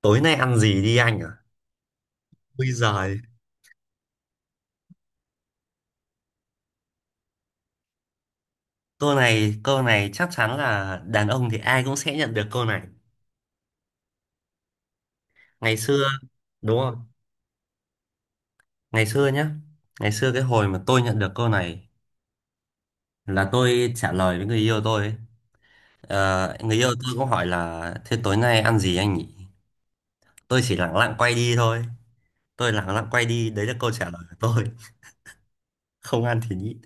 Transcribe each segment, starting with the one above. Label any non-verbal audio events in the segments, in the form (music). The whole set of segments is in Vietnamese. Tối nay ăn gì đi anh à? Bây giờ câu này chắc chắn là đàn ông thì ai cũng sẽ nhận được câu này. Ngày xưa đúng không? Ngày xưa nhá. Ngày xưa cái hồi mà tôi nhận được câu này là tôi trả lời với người yêu tôi ấy. Ờ, người yêu tôi cũng hỏi là thế tối nay ăn gì anh nhỉ? Tôi chỉ lẳng lặng quay đi thôi. Tôi lẳng lặng quay đi, đấy là câu trả lời của tôi. (laughs) Không ăn thì nhịn.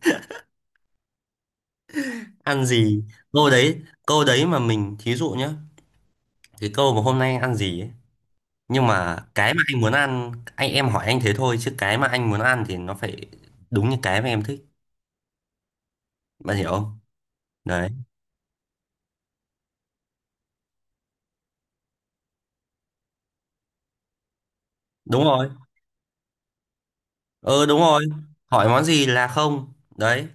Ăn gì? Câu đấy mà mình thí dụ nhá. Cái câu mà hôm nay ăn gì ấy, nhưng mà cái mà anh muốn ăn, anh em hỏi anh thế thôi chứ cái mà anh muốn ăn thì nó phải đúng như cái mà em thích, bạn hiểu không? Đấy. Đúng rồi. Ừ Đúng rồi. Hỏi món gì là không đấy.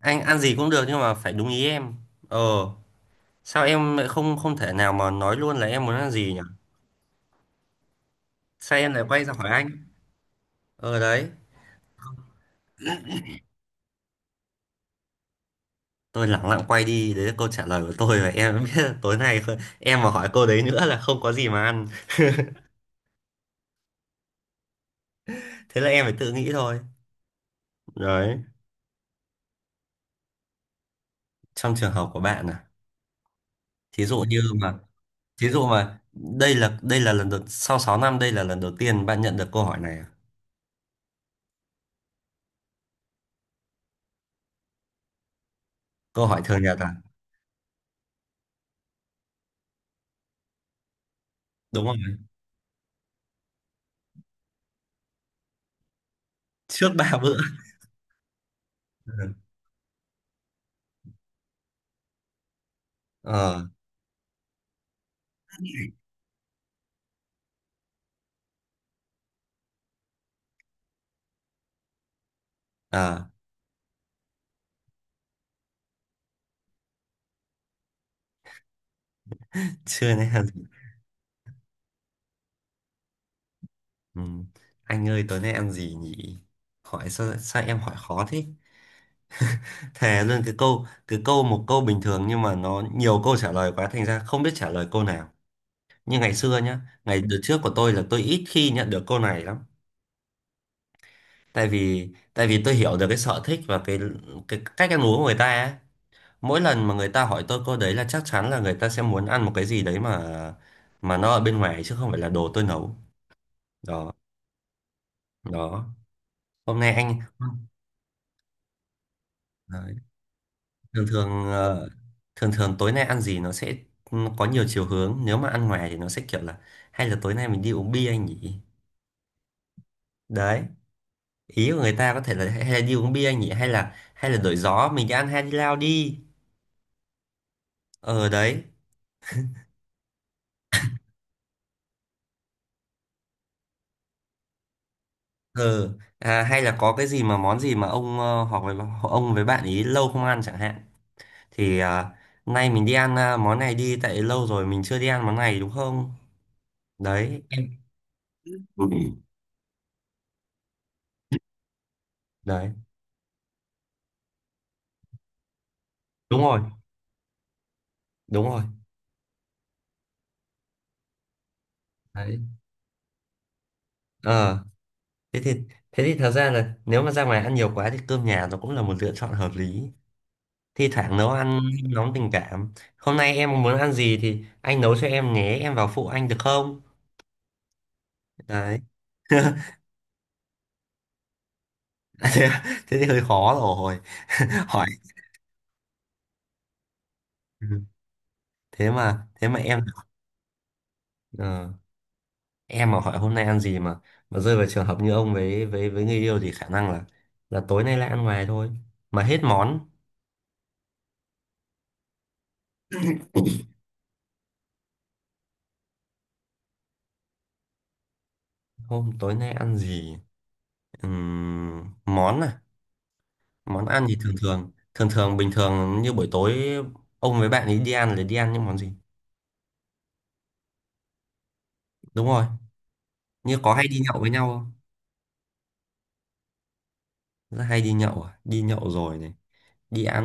Anh ăn gì cũng được nhưng mà phải đúng ý em. Ờ, sao em lại không không thể nào mà nói luôn là em muốn ăn gì nhỉ? Sao em lại quay ra hỏi anh? Ờ đấy. Tôi lẳng lặng quay đi, đấy là câu trả lời của tôi và em (laughs) biết là tối nay không- em mà hỏi câu đấy nữa là không có gì mà ăn. Thế là em phải tự nghĩ thôi. Đấy. Trong trường hợp của bạn à? Thí dụ như mà, thí dụ mà đây là lần đầu sau 6 năm, đây là lần đầu tiên bạn nhận được câu hỏi này à? Câu hỏi thường nhật à? Đúng không? Trước 3 bữa. Ừ. Ờ. À, trưa nay ăn gì? Ừ. Anh ơi tối nay ăn gì nhỉ? Hỏi sao sao em hỏi khó thế? Thề luôn, cái câu một câu bình thường nhưng mà nó nhiều câu trả lời quá thành ra không biết trả lời câu nào. Như ngày xưa nhá, ngày đợt trước của tôi là tôi ít khi nhận được câu này lắm, tại vì tôi hiểu được cái sở thích và cái cách ăn uống của người ta ấy. Mỗi lần mà người ta hỏi tôi câu đấy là chắc chắn là người ta sẽ muốn ăn một cái gì đấy mà nó ở bên ngoài chứ không phải là đồ tôi nấu. Đó. Đó. Hôm nay anh đấy. Thường thường ờ, thường thường tối nay ăn gì nó sẽ có nhiều chiều hướng, nếu mà ăn ngoài thì nó sẽ kiểu là hay là tối nay mình đi uống bia anh nhỉ. Đấy. Ý của người ta có thể là hay là đi uống bia anh nhỉ, hay là đổi gió mình đi ăn hai đi lao đi. Ờ đấy. Ừ. À, hay là có cái gì mà món gì mà ông ờ, hoặc là ông với bạn ý lâu không ăn chẳng hạn, thì à, nay mình đi ăn à, món này đi, tại lâu rồi mình chưa đi ăn món này đúng không? Đấy em. Ừ. Đấy. Đúng rồi. đúng rồi Đấy. Ờ. thế thì Thế thì thật ra là nếu mà ra ngoài ăn nhiều quá thì cơm nhà nó cũng là một lựa chọn hợp lý. Thi thoảng nấu ăn nóng tình cảm, hôm nay em muốn ăn gì thì anh nấu cho em nhé, em vào phụ anh được không? Đấy. (laughs) Thế, thế thì hơi khó rồi. (laughs) Hỏi. Ừ. Thế mà em ờ, em mà hỏi hôm nay ăn gì mà rơi vào trường hợp như ông với người yêu thì khả năng là tối nay lại ăn ngoài thôi mà hết món. Hôm tối nay ăn gì? Món à? Món ăn thì thường thường bình thường như buổi tối ông với bạn ấy đi ăn là đi ăn những món gì? Đúng rồi. Như có hay đi nhậu với nhau không? Rất hay đi nhậu à? Đi nhậu rồi này. Đi ăn.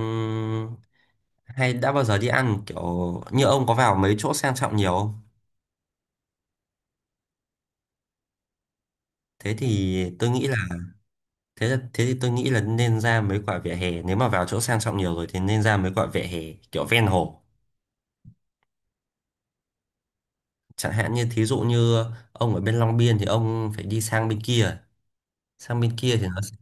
Hay đã bao giờ đi ăn kiểu như ông có vào mấy chỗ sang trọng nhiều không? thế thì tôi nghĩ Thế là, thế thì tôi nghĩ là nên ra mấy quả vỉa hè, nếu mà vào chỗ sang trọng nhiều rồi thì nên ra mấy quả vỉa hè kiểu ven hồ. Chẳng hạn như thí dụ như ông ở bên Long Biên thì ông phải đi sang bên kia, sang bên kia thì nó sẽ-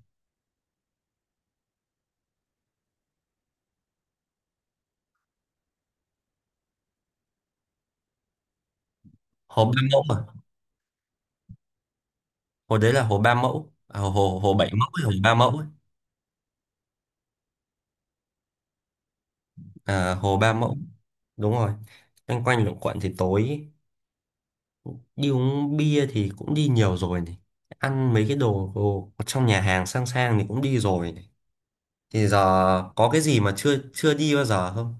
Hồ Ba Mẫu à? Hồ đấy là hồ Ba Mẫu à, hồ hồ Bảy Mẫu hay hồ Ba Mẫu ấy. À, hồ Ba Mẫu. Đúng rồi. Loanh quanh luẩn quẩn thì tối đi uống bia thì cũng đi nhiều rồi này, ăn mấy cái đồ, đồ trong nhà hàng sang sang thì cũng đi rồi này, thì giờ có cái gì mà chưa chưa đi bao giờ không?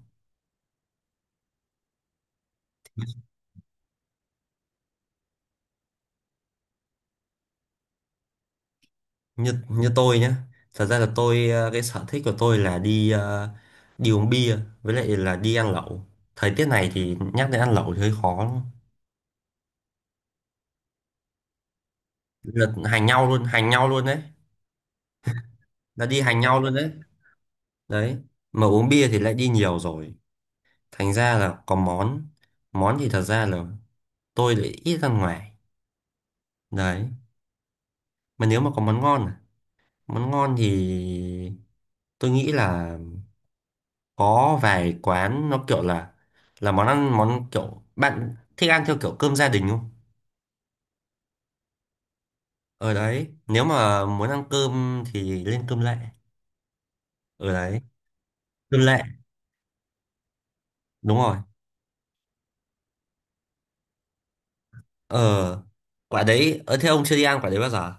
Như như tôi nhá, thật ra là tôi ờ, cái sở thích của tôi là đi ờ, đi uống bia với lại là đi ăn lẩu. Thời tiết này thì nhắc đến ăn lẩu thì hơi khó lắm. Là hành nhau luôn, hành nhau luôn đấy. Là đi hành nhau luôn đấy. Đấy. Mà uống bia thì lại đi nhiều rồi, thành ra là có món, thì thật ra là tôi lại ít ăn ngoài. Đấy. Mà nếu mà có món ngon à, món ngon thì tôi nghĩ là có vài quán nó kiểu là món ăn món kiểu bạn thích ăn theo kiểu cơm gia đình không? Ở đấy nếu mà muốn ăn cơm thì lên cơm lệ. Ở đấy cơm lệ. Đúng rồi. Ờ. Quả đấy ở thế ông chưa đi ăn quả đấy bao giờ?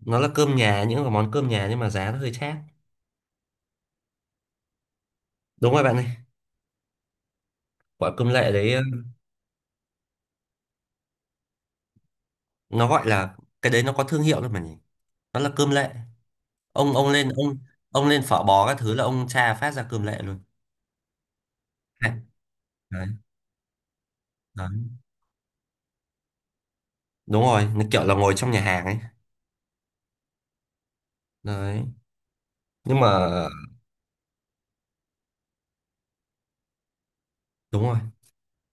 Nó là cơm nhà, những cái món cơm nhà nhưng mà giá nó hơi chát. Đúng rồi bạn ơi. Quả cơm lệ đấy. Nó gọi là cái đấy nó có thương hiệu đấy mà nhỉ. Nó là cơm lệ. Ông lên phở bò các thứ là ông tra phát ra cơm lệ luôn. Đấy, đấy. Đúng rồi, nó kiểu là ngồi trong nhà hàng ấy. Đấy nhưng mà đúng rồi.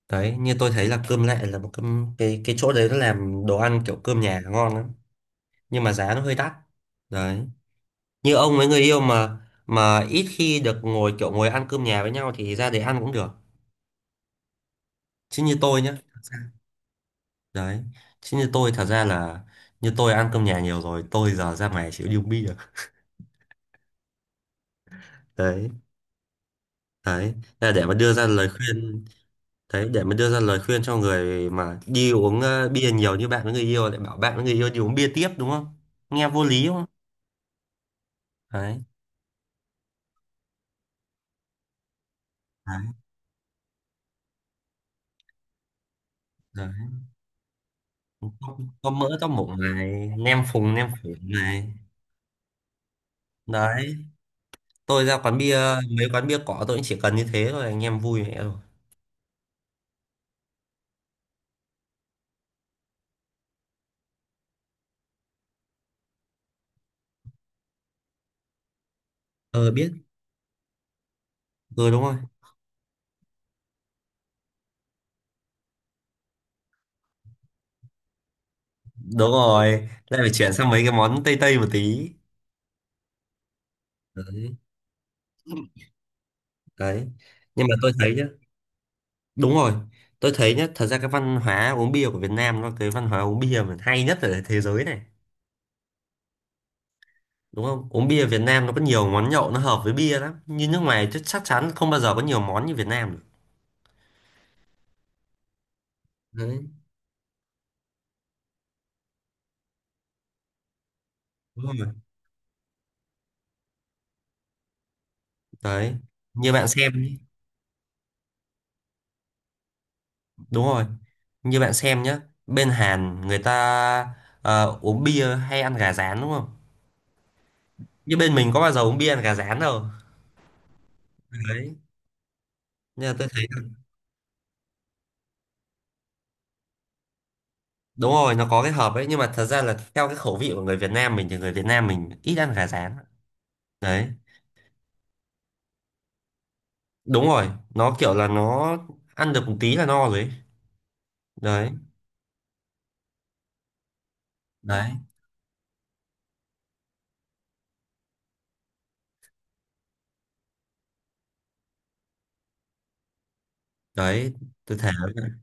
Đấy, như tôi thấy là cơm lệ là một cái chỗ đấy nó làm đồ ăn kiểu cơm nhà ngon lắm, nhưng mà giá nó hơi đắt. Đấy. Như ông với người yêu mà ít khi được ngồi kiểu ngồi ăn cơm nhà với nhau thì ra để ăn cũng được, chứ như tôi nhá thật ra- Đấy. Chứ như tôi thật ra là như tôi ăn cơm nhà nhiều rồi, tôi giờ ra ngoài chịu điêu bia. Đấy. Đấy. Thế là để mà đưa ra lời khuyên. Đấy, để mình đưa ra lời khuyên cho người mà đi uống ờ, bia nhiều như bạn với người yêu lại bảo bạn với người yêu đi uống bia tiếp đúng không? Nghe vô lý không? Đấy, đấy, đấy. Có, có mỡ có mủ này, nem phùng nem phổi này. Đấy, tôi ra quán bia, mấy quán bia cỏ tôi cũng chỉ cần như thế thôi, anh em vui mẹ rồi. Ờ biết, ừ đúng rồi. Đúng rồi, lại phải chuyển sang mấy cái món Tây Tây một tí. Đấy, đấy. Nhưng mà tôi thấy nhá, đúng rồi, tôi thấy nhá, thật ra cái văn hóa uống bia của Việt Nam nó cái văn hóa uống bia mà hay nhất ở thế giới này, đúng không? Uống bia Việt Nam nó có nhiều món nhậu nó hợp với bia lắm, như nước ngoài chứ chắc chắn không bao giờ có nhiều món như Việt Nam được. Đấy, đúng rồi. Đấy, như bạn xem, nhé. Đúng rồi, như bạn xem nhá, bên Hàn người ta ờ, uống bia hay ăn gà rán đúng không? Như bên mình có bao giờ uống bia ăn gà rán đâu. Đấy. Nhưng mà tôi thấy đúng rồi, nó có cái hợp ấy, nhưng mà thật ra là theo cái khẩu vị của người Việt Nam mình thì người Việt Nam mình ít ăn gà rán. Đấy. Đúng rồi. Nó kiểu là nó ăn được một tí là no rồi ấy. Đấy. Đấy. Đấy. Tôi thề với bạn.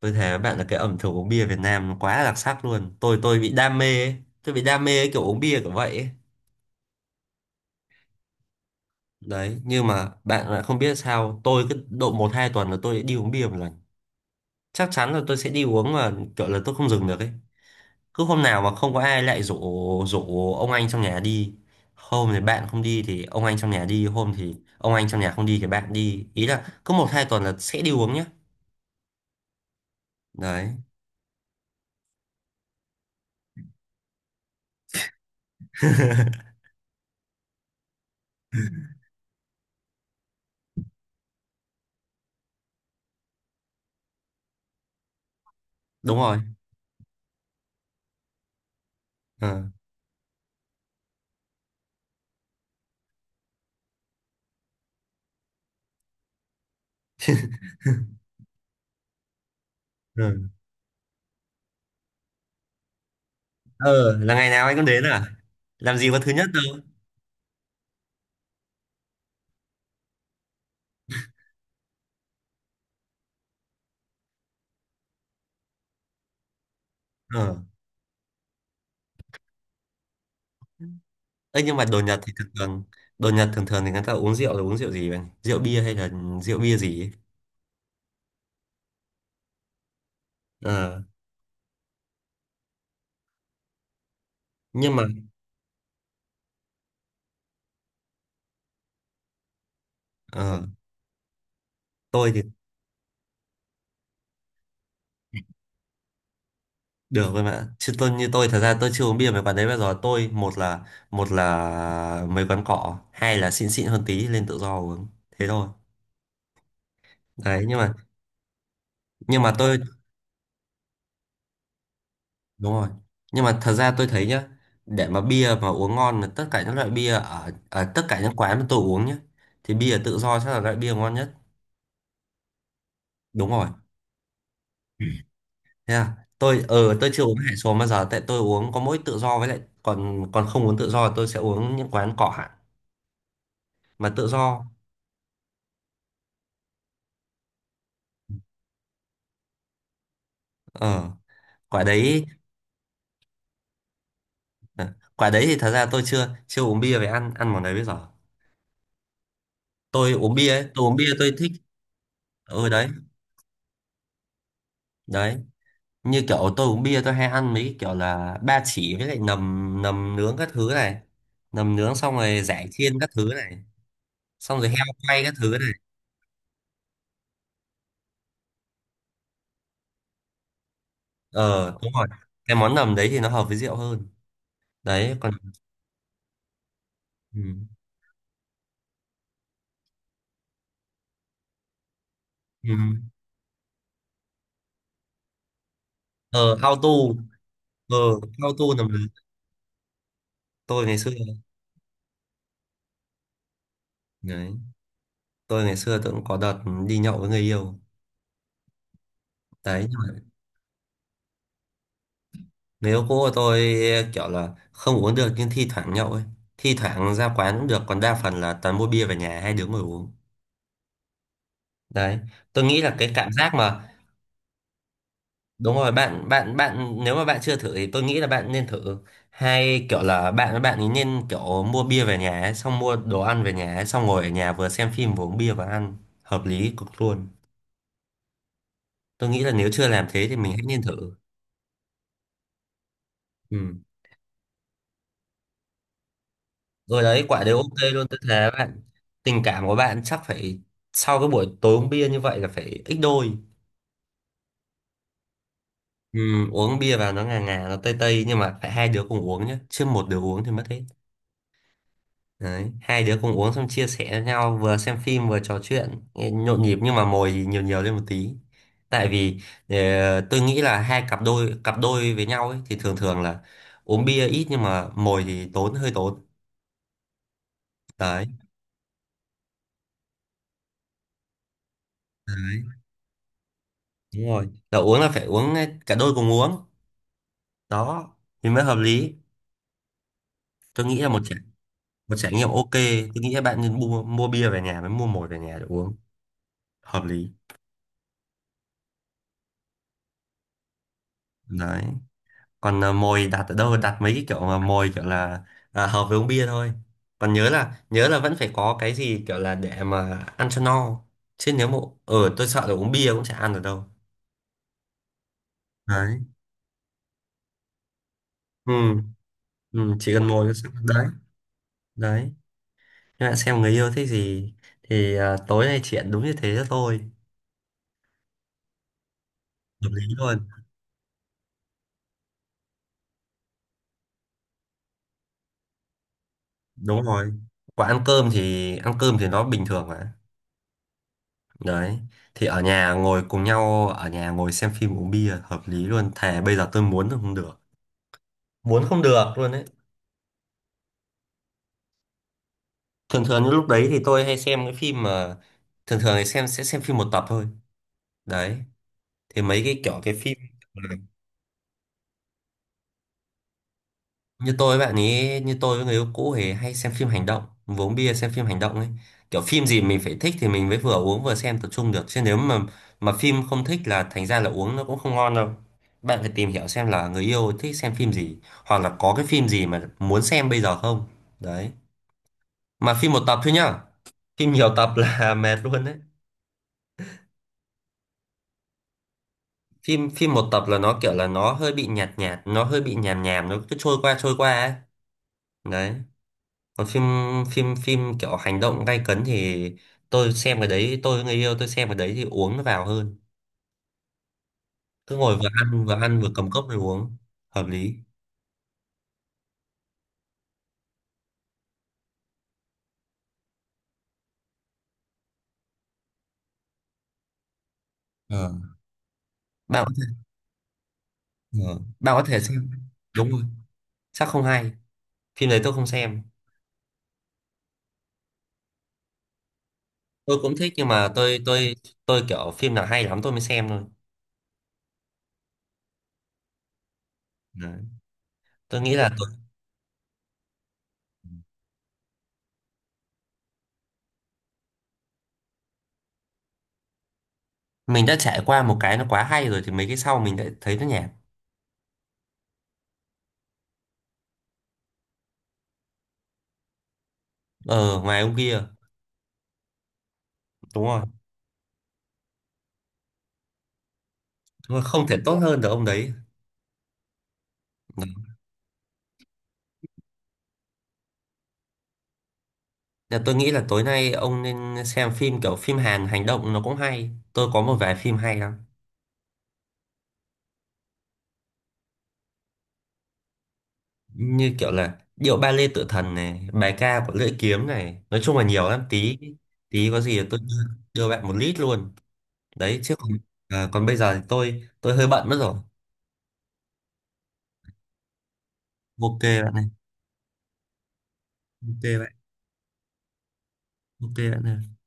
Tôi thề với bạn là cái ẩm thực uống bia Việt Nam nó quá là đặc sắc luôn, tôi bị đam mê ấy. Tôi bị đam mê cái kiểu uống bia kiểu vậy ấy. Đấy. Nhưng mà bạn lại không biết sao, tôi cứ độ một hai tuần là tôi đi uống bia một lần. Chắc chắn là tôi sẽ đi uống mà kiểu là tôi không dừng được ấy. Cứ hôm nào mà không có ai lại rủ, ông anh trong nhà đi, hôm thì bạn không đi thì ông anh trong nhà đi, hôm thì ông anh trong nhà không đi thì bạn đi, ý là cứ một hai tuần là sẽ đi uống nhá. Đấy. (laughs) Đúng rồi. Ờ. Ừ. Ờ là ngày nào anh cũng đến à? Làm gì có thứ nhất đâu. Ờ ấy nhưng mà đồ Nhật thì thường thường, đồ Nhật thường thường thì người ta uống rượu là uống rượu gì vậy? Rượu bia hay là rượu bia gì ấy? ờ nhưng mà ờ tôi thì được rồi bạn. Chứ tôi, như tôi thật ra tôi chưa uống bia mấy quán đấy bao giờ. Tôi một là mấy quán cọ, hai là xịn xịn hơn tí lên tự do uống. Thế thôi. Đấy nhưng mà tôi đúng rồi. Nhưng mà thật ra tôi thấy nhá, để mà bia mà uống ngon là tất cả những loại bia ở tất cả những quán mà tôi uống nhá thì bia tự do chắc là loại bia ngon nhất. Đúng rồi. Thế à? Tôi tôi chưa uống hải số bao giờ, tại tôi uống có mỗi tự do với lại còn còn không uống tự do tôi sẽ uống những quán cọ hẳn mà tự do. Ờ quả đấy. À, quả đấy thì thật ra tôi chưa chưa uống bia về ăn ăn món đấy bây giờ. Tôi uống bia ấy, tôi uống bia tôi thích. Ừ đấy. Đấy như kiểu tôi uống bia tôi hay ăn mấy cái kiểu là ba chỉ với lại nầm nầm nướng các thứ này, nầm nướng xong rồi giải chiên các thứ này, xong rồi heo quay các thứ này. Ờ đúng rồi, cái món nầm đấy thì nó hợp với rượu hơn. Đấy còn ừ. Ừ. Ờ ao tu. Ờ ao tu nầm nướng, tôi ngày xưa. Đấy tôi ngày xưa tôi cũng có đợt đi nhậu với người yêu. Đấy người yêu cũ của tôi kiểu là không uống được nhưng thi thoảng nhậu ấy, thi thoảng ra quán cũng được còn đa phần là toàn mua bia về nhà hai đứa ngồi uống. Đấy tôi nghĩ là cái cảm giác mà đúng rồi bạn, bạn nếu mà bạn chưa thử thì tôi nghĩ là bạn nên thử, hay kiểu là bạn với bạn ấy nên kiểu mua bia về nhà ấy, xong mua đồ ăn về nhà ấy, xong ngồi ở nhà vừa xem phim vừa uống bia và ăn. Hợp lý cực luôn. Tôi nghĩ là nếu chưa làm thế thì mình hãy nên thử. Ừ. Rồi đấy quả đều ok luôn, tôi thề bạn. Tình cảm của bạn chắc phải sau cái buổi tối uống bia như vậy là phải ít đôi. Ừ, uống bia vào nó ngà ngà nó tây tây nhưng mà phải hai đứa cùng uống nhé, chứ một đứa uống thì mất hết. Đấy hai đứa cùng uống xong chia sẻ với nhau, vừa xem phim vừa trò chuyện nghe nhộn nhịp, nhưng mà mồi thì nhiều nhiều lên một tí. Tại vì tôi nghĩ là hai cặp đôi với nhau ấy, thì thường thường là uống bia ít nhưng mà mồi thì tốn hơi tốn. Đấy. Đấy. Đúng rồi. Là uống là phải uống cả đôi cùng uống. Đó thì mới hợp lý. Tôi nghĩ là một ừ trải, một trải nghiệm ok. Tôi nghĩ là bạn nên mua mua bia về nhà mới mua mồi về nhà để uống. Hợp lý. Đấy còn à, mồi đặt ở đâu, đặt mấy cái kiểu mà mồi kiểu là à, hợp với uống bia thôi, còn nhớ là vẫn phải có cái gì kiểu là để mà ăn cho no. Chứ nếu mà ở tôi sợ là uống bia cũng chả ăn được đâu. Đấy ừ, ừ chỉ cần mồi là đấy. Đấy các bạn xem người yêu thích gì thì à, tối nay chuyện đúng như thế thôi. Hợp lý luôn. Đúng rồi. Còn ăn cơm thì nó bình thường mà. Đấy thì ở nhà ngồi cùng nhau, ở nhà ngồi xem phim uống bia hợp lý luôn, thề bây giờ tôi muốn là không được, muốn không được luôn đấy. Thường thường những lúc đấy thì tôi hay xem cái phim mà thường thường thì xem sẽ xem phim một tập thôi. Đấy thì mấy cái kiểu cái phim như tôi với bạn ấy, như tôi với người yêu cũ thì hay xem phim hành động, vừa uống bia xem phim hành động ấy. Kiểu phim gì mình phải thích thì mình mới vừa uống vừa xem tập trung được, chứ nếu mà phim không thích là thành ra là uống nó cũng không ngon đâu. Bạn phải tìm hiểu xem là người yêu thích xem phim gì, hoặc là có cái phim gì mà muốn xem bây giờ không. Đấy mà phim một tập thôi nhá, phim nhiều tập là (laughs) mệt luôn đấy. Phim phim một tập là nó kiểu là nó hơi bị nhạt nhạt, nó hơi bị nhàm nhàm, nó cứ trôi qua ấy. Đấy còn phim, phim kiểu hành động gay cấn thì tôi xem cái đấy, tôi với người yêu tôi xem cái đấy thì uống nó vào hơn. Cứ ngồi vừa ăn vừa cầm cốc rồi uống. Hợp lý. ờ Bạn có thể, ờ, bạn có thể xem. Đúng rồi, chắc không hay, phim đấy tôi không xem. Tôi cũng thích nhưng mà tôi tôi kiểu phim nào hay lắm tôi mới xem thôi. Đấy. Tôi nghĩ là tôi, mình đã trải qua một cái nó quá hay rồi thì mấy cái sau mình lại thấy nó nhạt. Ờ ngoài ông kia. Đúng rồi. Đúng rồi, không thể tốt hơn được ông đấy. Dạ, tôi nghĩ là tối nay ông nên xem phim kiểu phim Hàn hành động nó cũng hay. Tôi có một vài phim hay lắm. Như kiểu là Điệu Ba Lê tự thần này, Bài Ca Của Lưỡi Kiếm này. Nói chung là nhiều lắm. Tí tí có gì tôi đưa, đưa bạn một lít luôn. Đấy chứ còn, à, còn bây giờ thì tôi hơi bận mất rồi. Ok bạn này. Ok bạn. Ok bạn này.